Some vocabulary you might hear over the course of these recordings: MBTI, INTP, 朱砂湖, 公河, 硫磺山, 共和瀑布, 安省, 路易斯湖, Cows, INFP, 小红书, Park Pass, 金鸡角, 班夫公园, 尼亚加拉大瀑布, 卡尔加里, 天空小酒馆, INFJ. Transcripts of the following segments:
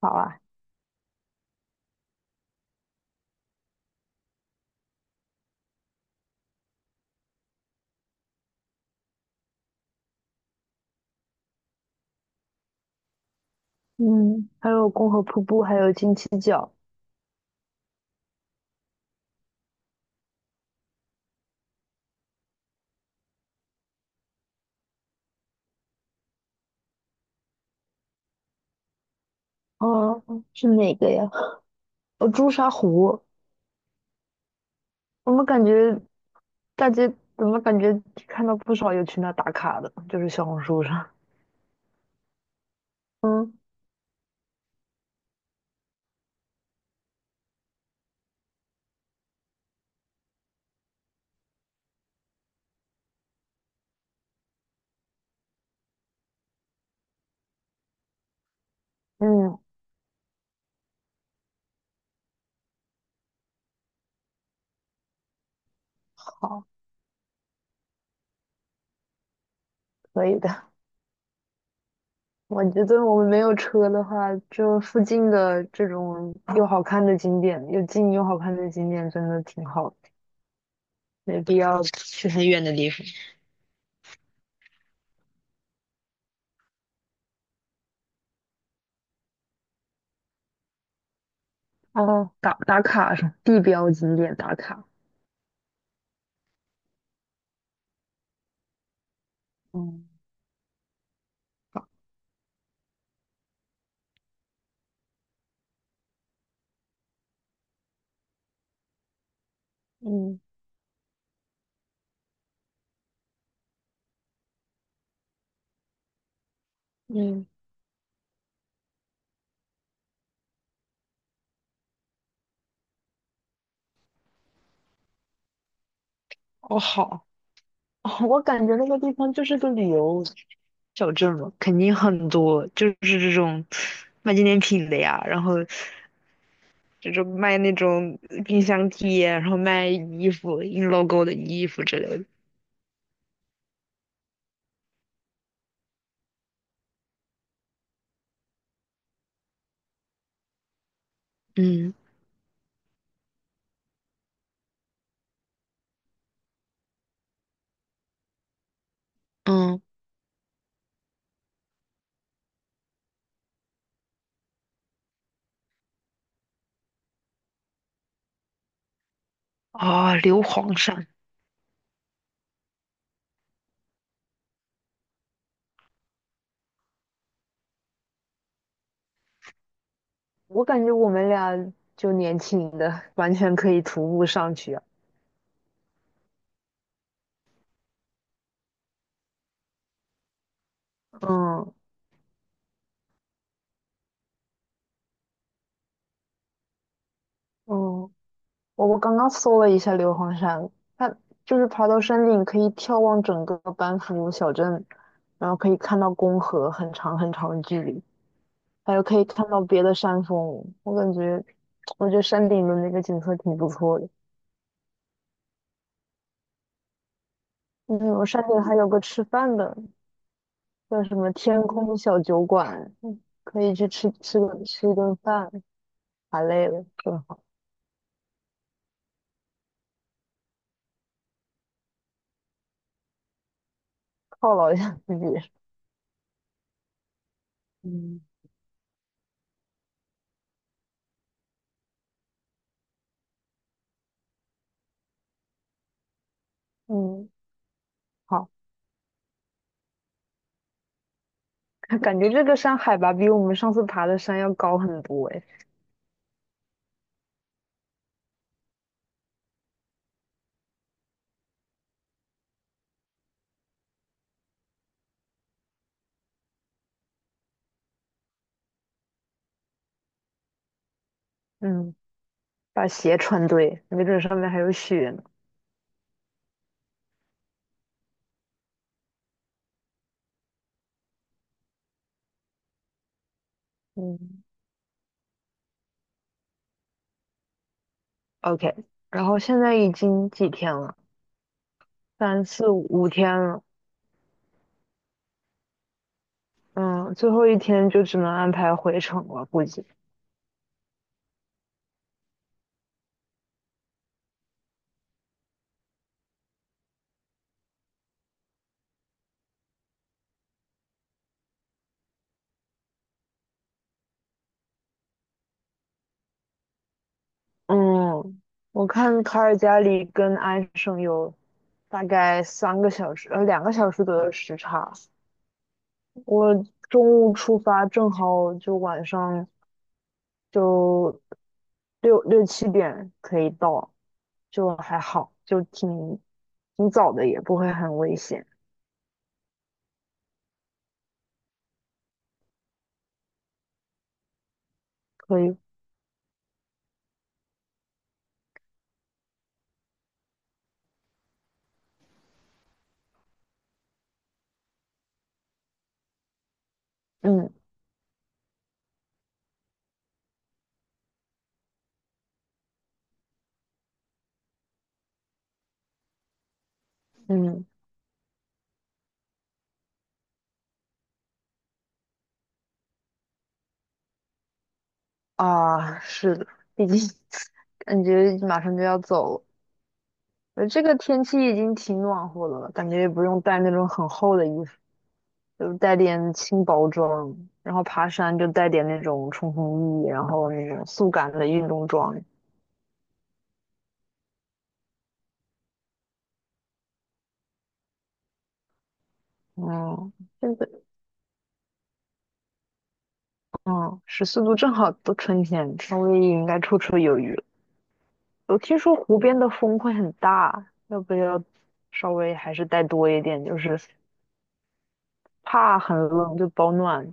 好啊，嗯，还有共和瀑布，还有金鸡角，哦，是哪个呀？哦，朱砂湖。我们感觉大街，怎么感觉看到不少有去那打卡的，就是小红书上。嗯，嗯，好，可以的。我觉得我们没有车的话，就附近的这种又好看的景点，又近又好看的景点，真的挺好的。没必要去很远的地方。哦，打卡是吧，地标景点打卡。嗯，好，嗯嗯。哦，好，哦，我感觉那个地方就是个旅游小镇嘛，肯定很多，就是这种卖纪念品的呀，然后就是卖那种冰箱贴，然后卖衣服，印 logo 的衣服之类的。嗯嗯，啊、硫磺山，我感觉我们俩就年轻的，完全可以徒步上去啊。嗯嗯，我刚刚搜了一下硫磺山，它就是爬到山顶可以眺望整个班夫小镇，然后可以看到公河很长很长的距离，还有可以看到别的山峰。我感觉，我觉得山顶的那个景色挺不错的。嗯，我山顶还有个吃饭的，叫什么天空小酒馆，嗯可以去吃一顿饭，太累了，是吧，犒劳一下自己。嗯，嗯，好。感觉这个山海拔比我们上次爬的山要高很多诶。嗯，把鞋穿对，没准上面还有雪呢。嗯，OK。然后现在已经几天了？三四五，五天了。嗯，最后一天就只能安排回程了，估计。嗯，我看卡尔加里跟安省有大概3个小时，2个小时左右的时差。我中午出发，正好就晚上就六七点可以到，就还好，就挺早的，也不会很危险，可以。嗯嗯，啊，是的，毕竟 感觉马上就要走了。这个天气已经挺暖和的了，感觉也不用带那种很厚的衣服，就带点轻薄装，然后爬山就带点那种冲锋衣，然后那种速干的运动装。嗯，现在嗯，14度正好都春天，稍微应该绰绰有余。我听说湖边的风会很大，要不要稍微还是带多一点？就是怕很冷就保暖。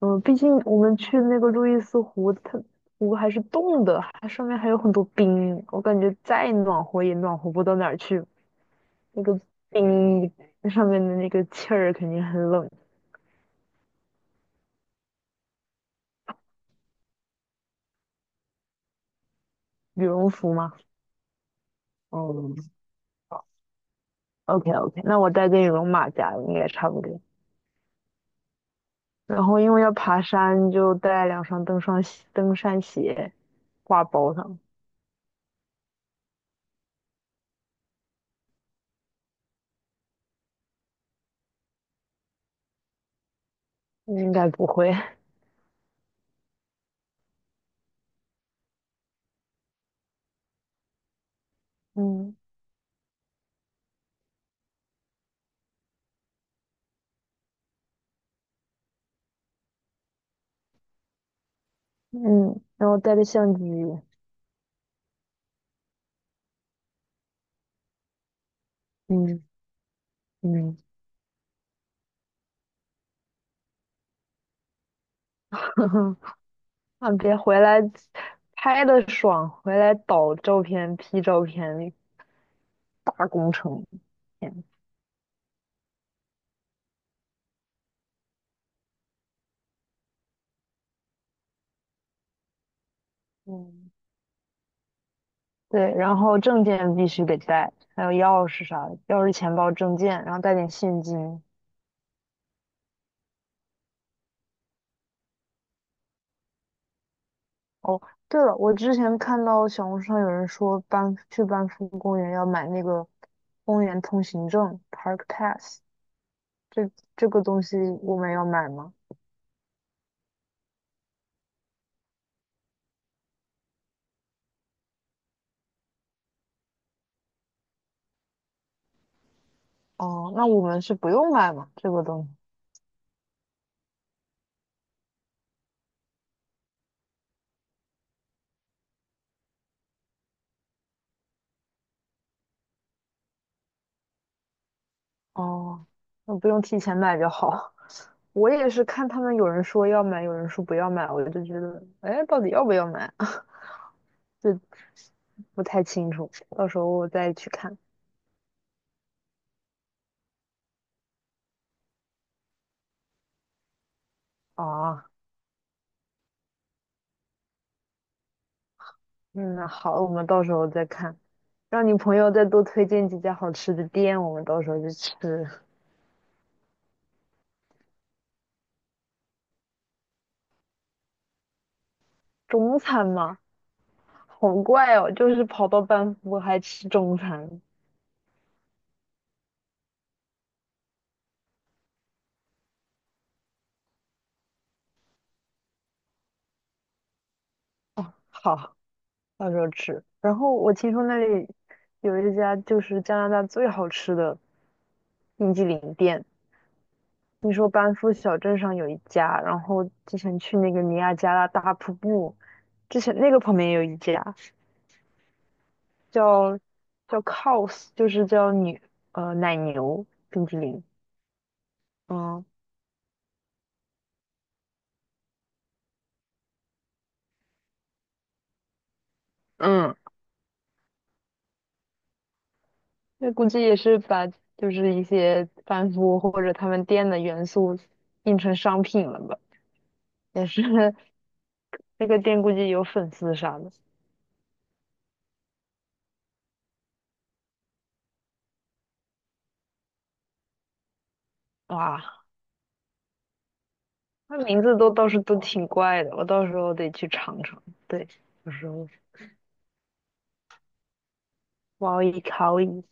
嗯，毕竟我们去那个路易斯湖，它湖还是冻的，它上面还有很多冰，我感觉再暖和也暖和不到哪儿去。那个冰，那上面的那个气儿肯定很冷。羽绒服吗？哦，OK OK，那我带件羽绒马甲应该差不多。然后因为要爬山，就带2双登山鞋。挂包上，应该不会。嗯嗯，然后带着相机，嗯嗯，啊，别回来拍的爽，回来导照片、P 照片，大工程。天嗯，对，然后证件必须得带，还有钥匙啥的，钥匙、钱包、证件，然后带点现金。哦，对了，我之前看到小红书上有人说去班夫公园要买那个公园通行证 （Park Pass）。这这个东西我们要买吗？哦，那我们是不用买吗？这个东西。哦，那不用提前买就好。我也是看他们有人说要买，有人说不要买，我就觉得，哎，到底要不要买？就不太清楚，到时候我再去看。啊。嗯，那好，我们到时候再看。让你朋友再多推荐几家好吃的店，我们到时候去吃，中餐嘛。好怪哦，就是跑到班夫还吃中餐。好。到时候吃。然后我听说那里有一家就是加拿大最好吃的冰激凌店，听说班夫小镇上有一家，然后之前去那个尼亚加拉大瀑布，之前那个旁边也有一家，叫叫 Cows，就是叫奶牛冰激凌。嗯嗯，那估计也是把就是一些班夫或者他们店的元素印成商品了吧，也是 那个店估计有粉丝啥的。哇，那名字都倒是都挺怪的，我到时候得去尝尝。对，有时候哇哦一考一。